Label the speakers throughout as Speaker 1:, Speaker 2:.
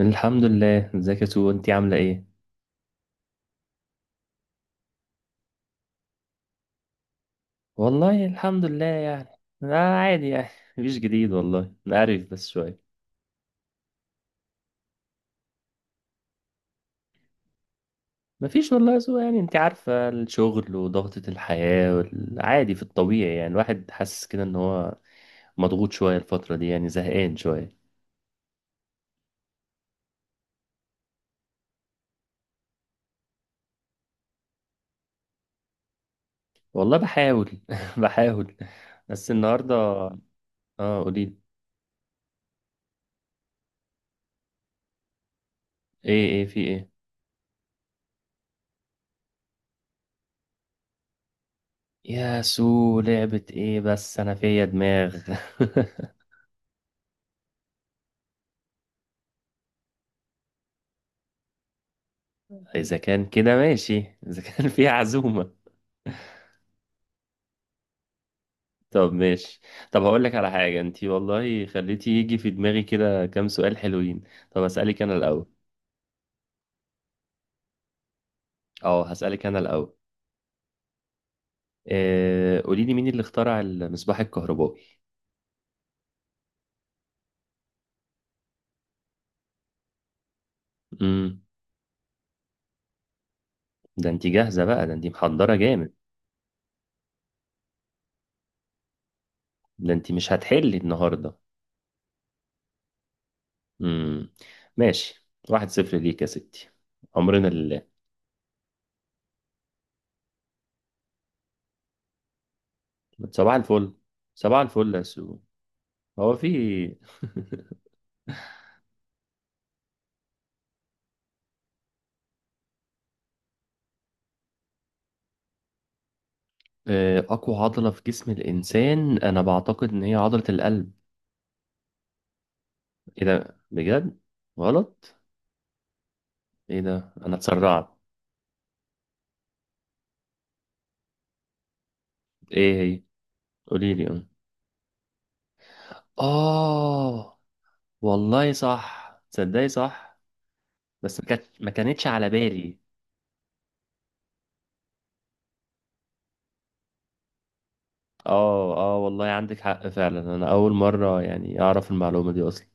Speaker 1: الحمد لله، ازيك يا سو؟ انتي عاملة ايه؟ والله الحمد لله يعني. لا عادي يعني. مفيش جديد والله عارف، بس شوية. مفيش والله يا سو، يعني انتي عارفة الشغل وضغطة الحياة والعادي في الطبيعي، يعني الواحد حاسس كده ان هو مضغوط شوية الفترة دي، يعني زهقان شوية. والله بحاول بحاول. بس النهاردة اه قوليلي. ايه ايه في ايه؟ يا سو لعبة ايه بس انا فيا دماغ اذا كان كده ماشي، اذا كان فيها عزومة. طب ماشي. طب هقول لك على حاجة، انتي والله خليتي يجي في دماغي كده كام سؤال حلوين. طب هسألك انا الأول. اه هسألك انا الأول. قولي لي مين اللي اخترع المصباح الكهربائي؟ امم. ده انتي جاهزة بقى، ده انتي محضرة جامد. ده انتي مش هتحلي النهاردة. امم. ماشي، واحد صفر ليك يا ستي. عمرنا لله. صباح الفل، صباح الفل يا سو. هو في إيه؟ أقوى عضلة في جسم الإنسان أنا بعتقد إن هي عضلة القلب. ايه ده بجد؟ غلط. ايه ده انا اتسرعت. ايه هي؟ قولي لي اه. آه، والله صح، تصدقي صح، بس ما كانتش على بالي. اه اه والله عندك حق فعلا، انا اول مره يعني اعرف المعلومه دي اصلا.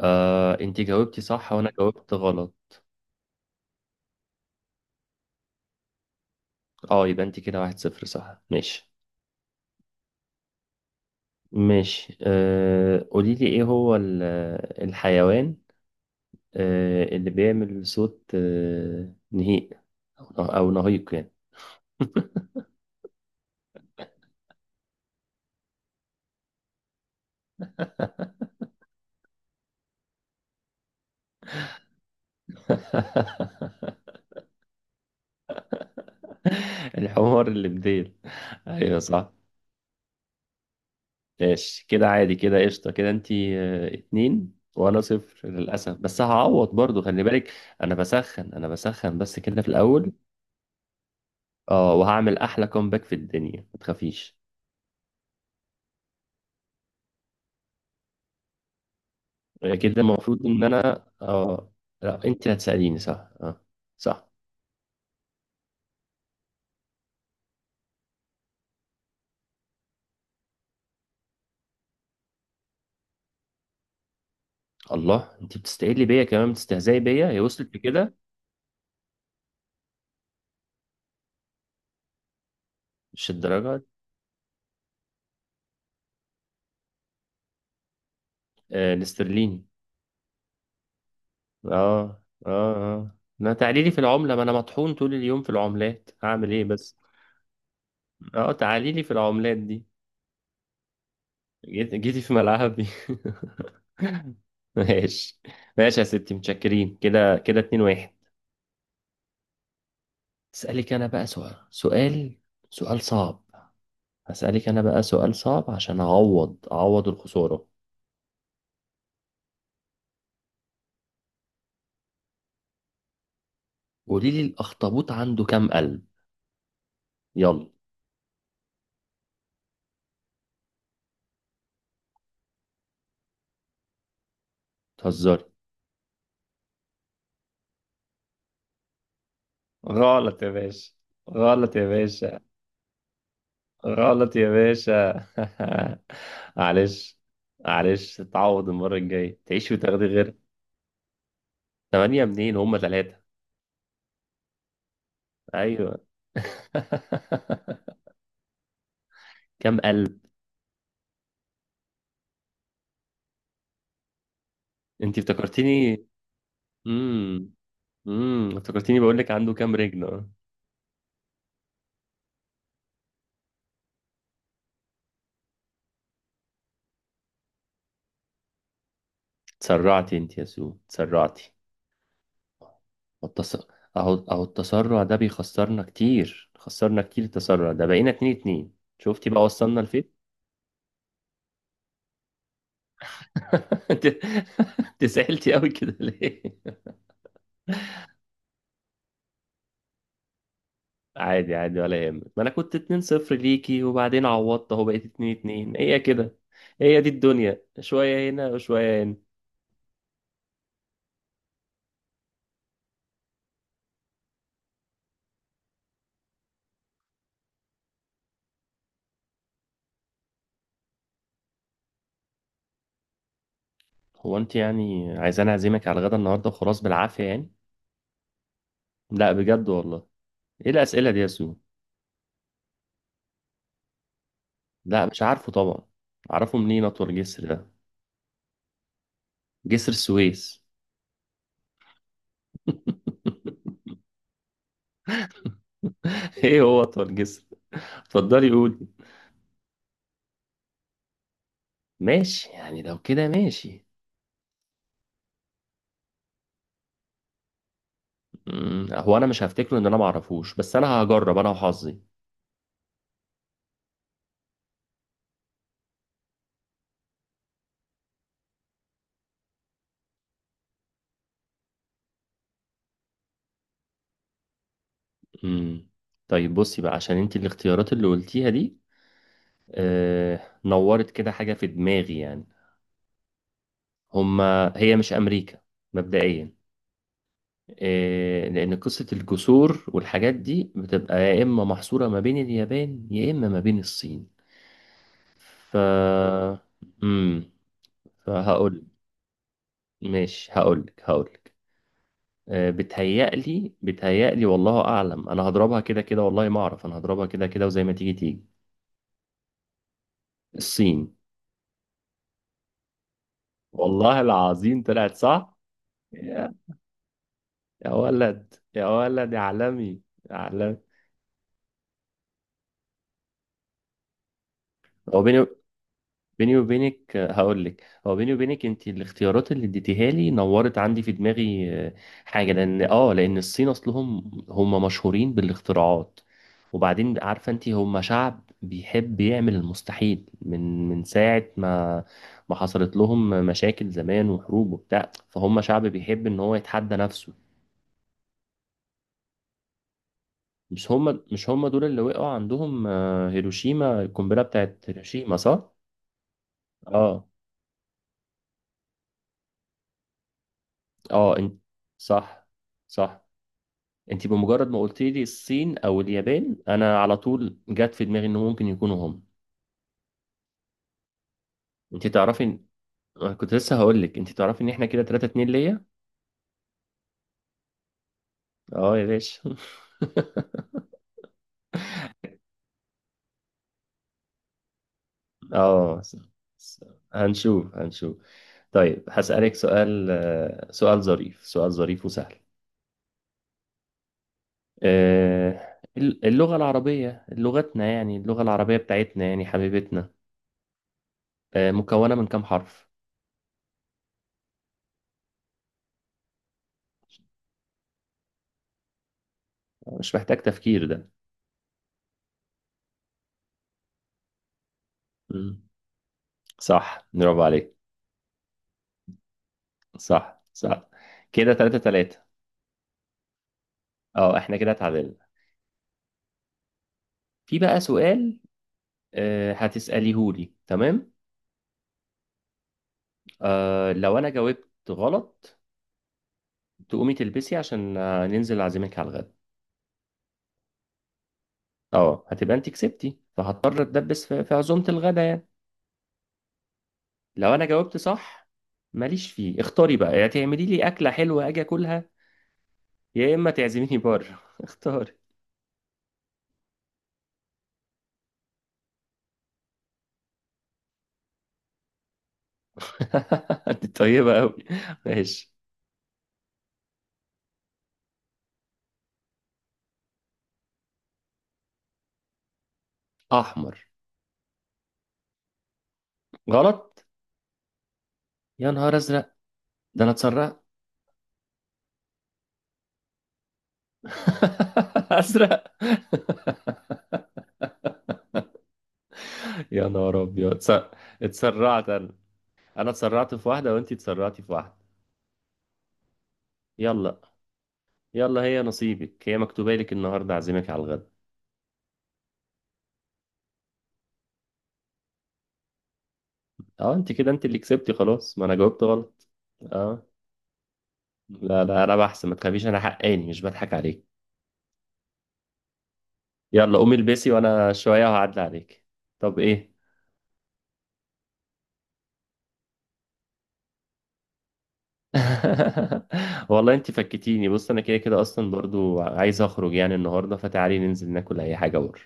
Speaker 1: آه انت جاوبتي صح وانا جاوبت غلط. اه يبقى انت كده واحد صفر صح، ماشي. ماشي قولي لي ايه هو الحيوان اللي بيعمل صوت نهيق، أو نهيق يعني. الحمار اللي بديل. أيوة صح. ماشي كده، عادي كده، قشطة كده، أنتي اتنين وأنا صفر للأسف، بس هعوض برضو خلي بالك. أنا بسخن أنا بسخن بس كده في الأول. أه وهعمل أحلى كومباك في الدنيا ما تخافيش. كده المفروض إن أنا أه. لا أنتي هتسأليني صح أه. صح. الله، انت بتستقلي بيا كمان، بتستهزئي بيا، هي وصلت لكده؟ مش الدرجه دي. آه الاسترليني. اه اه. اه ما تعالي لي في العمله، ما انا مطحون طول اليوم في العملات، هعمل ايه بس. اه تعالي لي في العملات دي. جيت جيتي في ملعبي ماشي. ماشي يا ستي، متشكرين، كده كده اتنين واحد. اسألك انا بقى سؤال صعب. هسألك انا بقى سؤال صعب عشان اعوض الخسارة. قولي لي الاخطبوط عنده كام قلب؟ يلا. تهزري؟ غلط يا باشا، غلط يا باشا، غلط يا باشا معلش، معلش تعوض المرة الجاية، تعيش وتاخدي غير. ثمانية منين؟ هما ثلاثة. أيوة كم قلب؟ أنت افتكرتيني. امم. افتكرتيني بقول لك عنده كام رجل أه. تسرعتي أنت يا سو، تسرعتي. والتص... أهو أهو التسرع ده بيخسرنا كتير، خسرنا كتير التسرع ده، بقينا اتنين اتنين، شفتي بقى وصلنا لفين. انت انت زعلتي قوي كده ليه؟ عادي عادي ولا يهمك، ما انا كنت 2-0 ليكي وبعدين عوضت اهو بقيت 2-2، هي كده. هي دي الدنيا، شوية هنا وشوية هنا. هو انت يعني عايزاني اعزمك على الغدا النهارده وخلاص بالعافية يعني؟ لا بجد والله، ايه الأسئلة دي يا سو؟ لا مش عارفه طبعا، اعرفه منين اطول جسر ده؟ جسر السويس ايه هو اطول جسر؟ اتفضلي قولي. ماشي يعني لو كده ماشي. مم، هو انا مش هفتكره ان انا معرفوش، بس انا هجرب انا وحظي. مم. طيب بصي بقى، عشان انت الاختيارات اللي قلتيها دي نورت كده حاجة في دماغي يعني. هما هي مش امريكا مبدئيا، آه لان قصة الجسور والحاجات دي بتبقى يا اما محصورة ما بين اليابان يا اما ما بين الصين. ف مم. فهقول ماشي، هقولك. بتهيألي والله أعلم، أنا هضربها كده كده، والله ما أعرف، أنا هضربها كده كده وزي ما تيجي تيجي. الصين. والله العظيم طلعت صح. يا يا ولد، يا ولد يا عالمي. يا عالمي. هو بيني بيني وبينك هقول لك هو بيني وبينك، انت الاختيارات اللي اديتيها لي نورت عندي في دماغي حاجه لان اه لان الصين اصلهم هم مشهورين بالاختراعات. وبعدين عارفه انت هم شعب بيحب يعمل المستحيل من ساعه ما حصلت لهم مشاكل زمان وحروب وبتاع، فهم شعب بيحب ان هو يتحدى نفسه. مش هم دول اللي وقعوا عندهم هيروشيما، القنبله بتاعت هيروشيما صح؟ اه اه. انت صح صح. انت بمجرد ما قلت لي الصين او اليابان انا على طول جت في دماغي انه ممكن يكونوا هم. انت تعرفي إن- أنا كنت لسه هقول لك انت تعرفي ان احنا كده 3-2 ليا. اه يا باشا اه س- س- هنشوف هنشوف. طيب هسألك سؤال سؤال ظريف وسهل. اللغة العربية لغتنا يعني، اللغة العربية بتاعتنا يعني حبيبتنا. مكونة من كام حرف؟ مش محتاج تفكير ده. مم. صح برافو عليك، صح صح. كده تلاتة تلاتة. اه احنا كده اتعادلنا. في بقى سؤال هتسأليهولي تمام. لو انا جاوبت غلط، تقومي تلبسي عشان ننزل اعزمك على الغدا. اه هتبقى انت كسبتي، فهضطر اتدبس في عزومة الغدا يعني. لو انا جاوبت صح ماليش فيه، اختاري بقى، يا تعملي لي اكلة حلوة اجي اكلها، يا اما تعزميني بره اختاري. انت طيبة قوي. ماشي. احمر. غلط. يا نهار ازرق. ده انا اتسرعت. ازرق. يا نهار ابيض اتسرعت انا. انا اتسرعت في واحده وانتي اتسرعتي في واحده. يلا. يلا هي نصيبك، هي مكتوبه لك النهارده اعزمك على الغدا. اه انت كده، انت اللي كسبتي خلاص، ما انا جاوبت غلط. اه. لا لا انا بحسن ما تخافيش، انا حقاني مش بضحك عليك. يلا قومي البسي وانا شويه وهعدي عليك. طب ايه. والله انت فكتيني، بص انا كده كده اصلا برضو عايز اخرج يعني النهارده، فتعالي ننزل ناكل اي حاجه بره.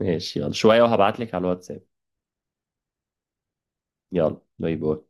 Speaker 1: ماشي يلا، شوية وهبعتلك على الواتساب. يلا باي باي.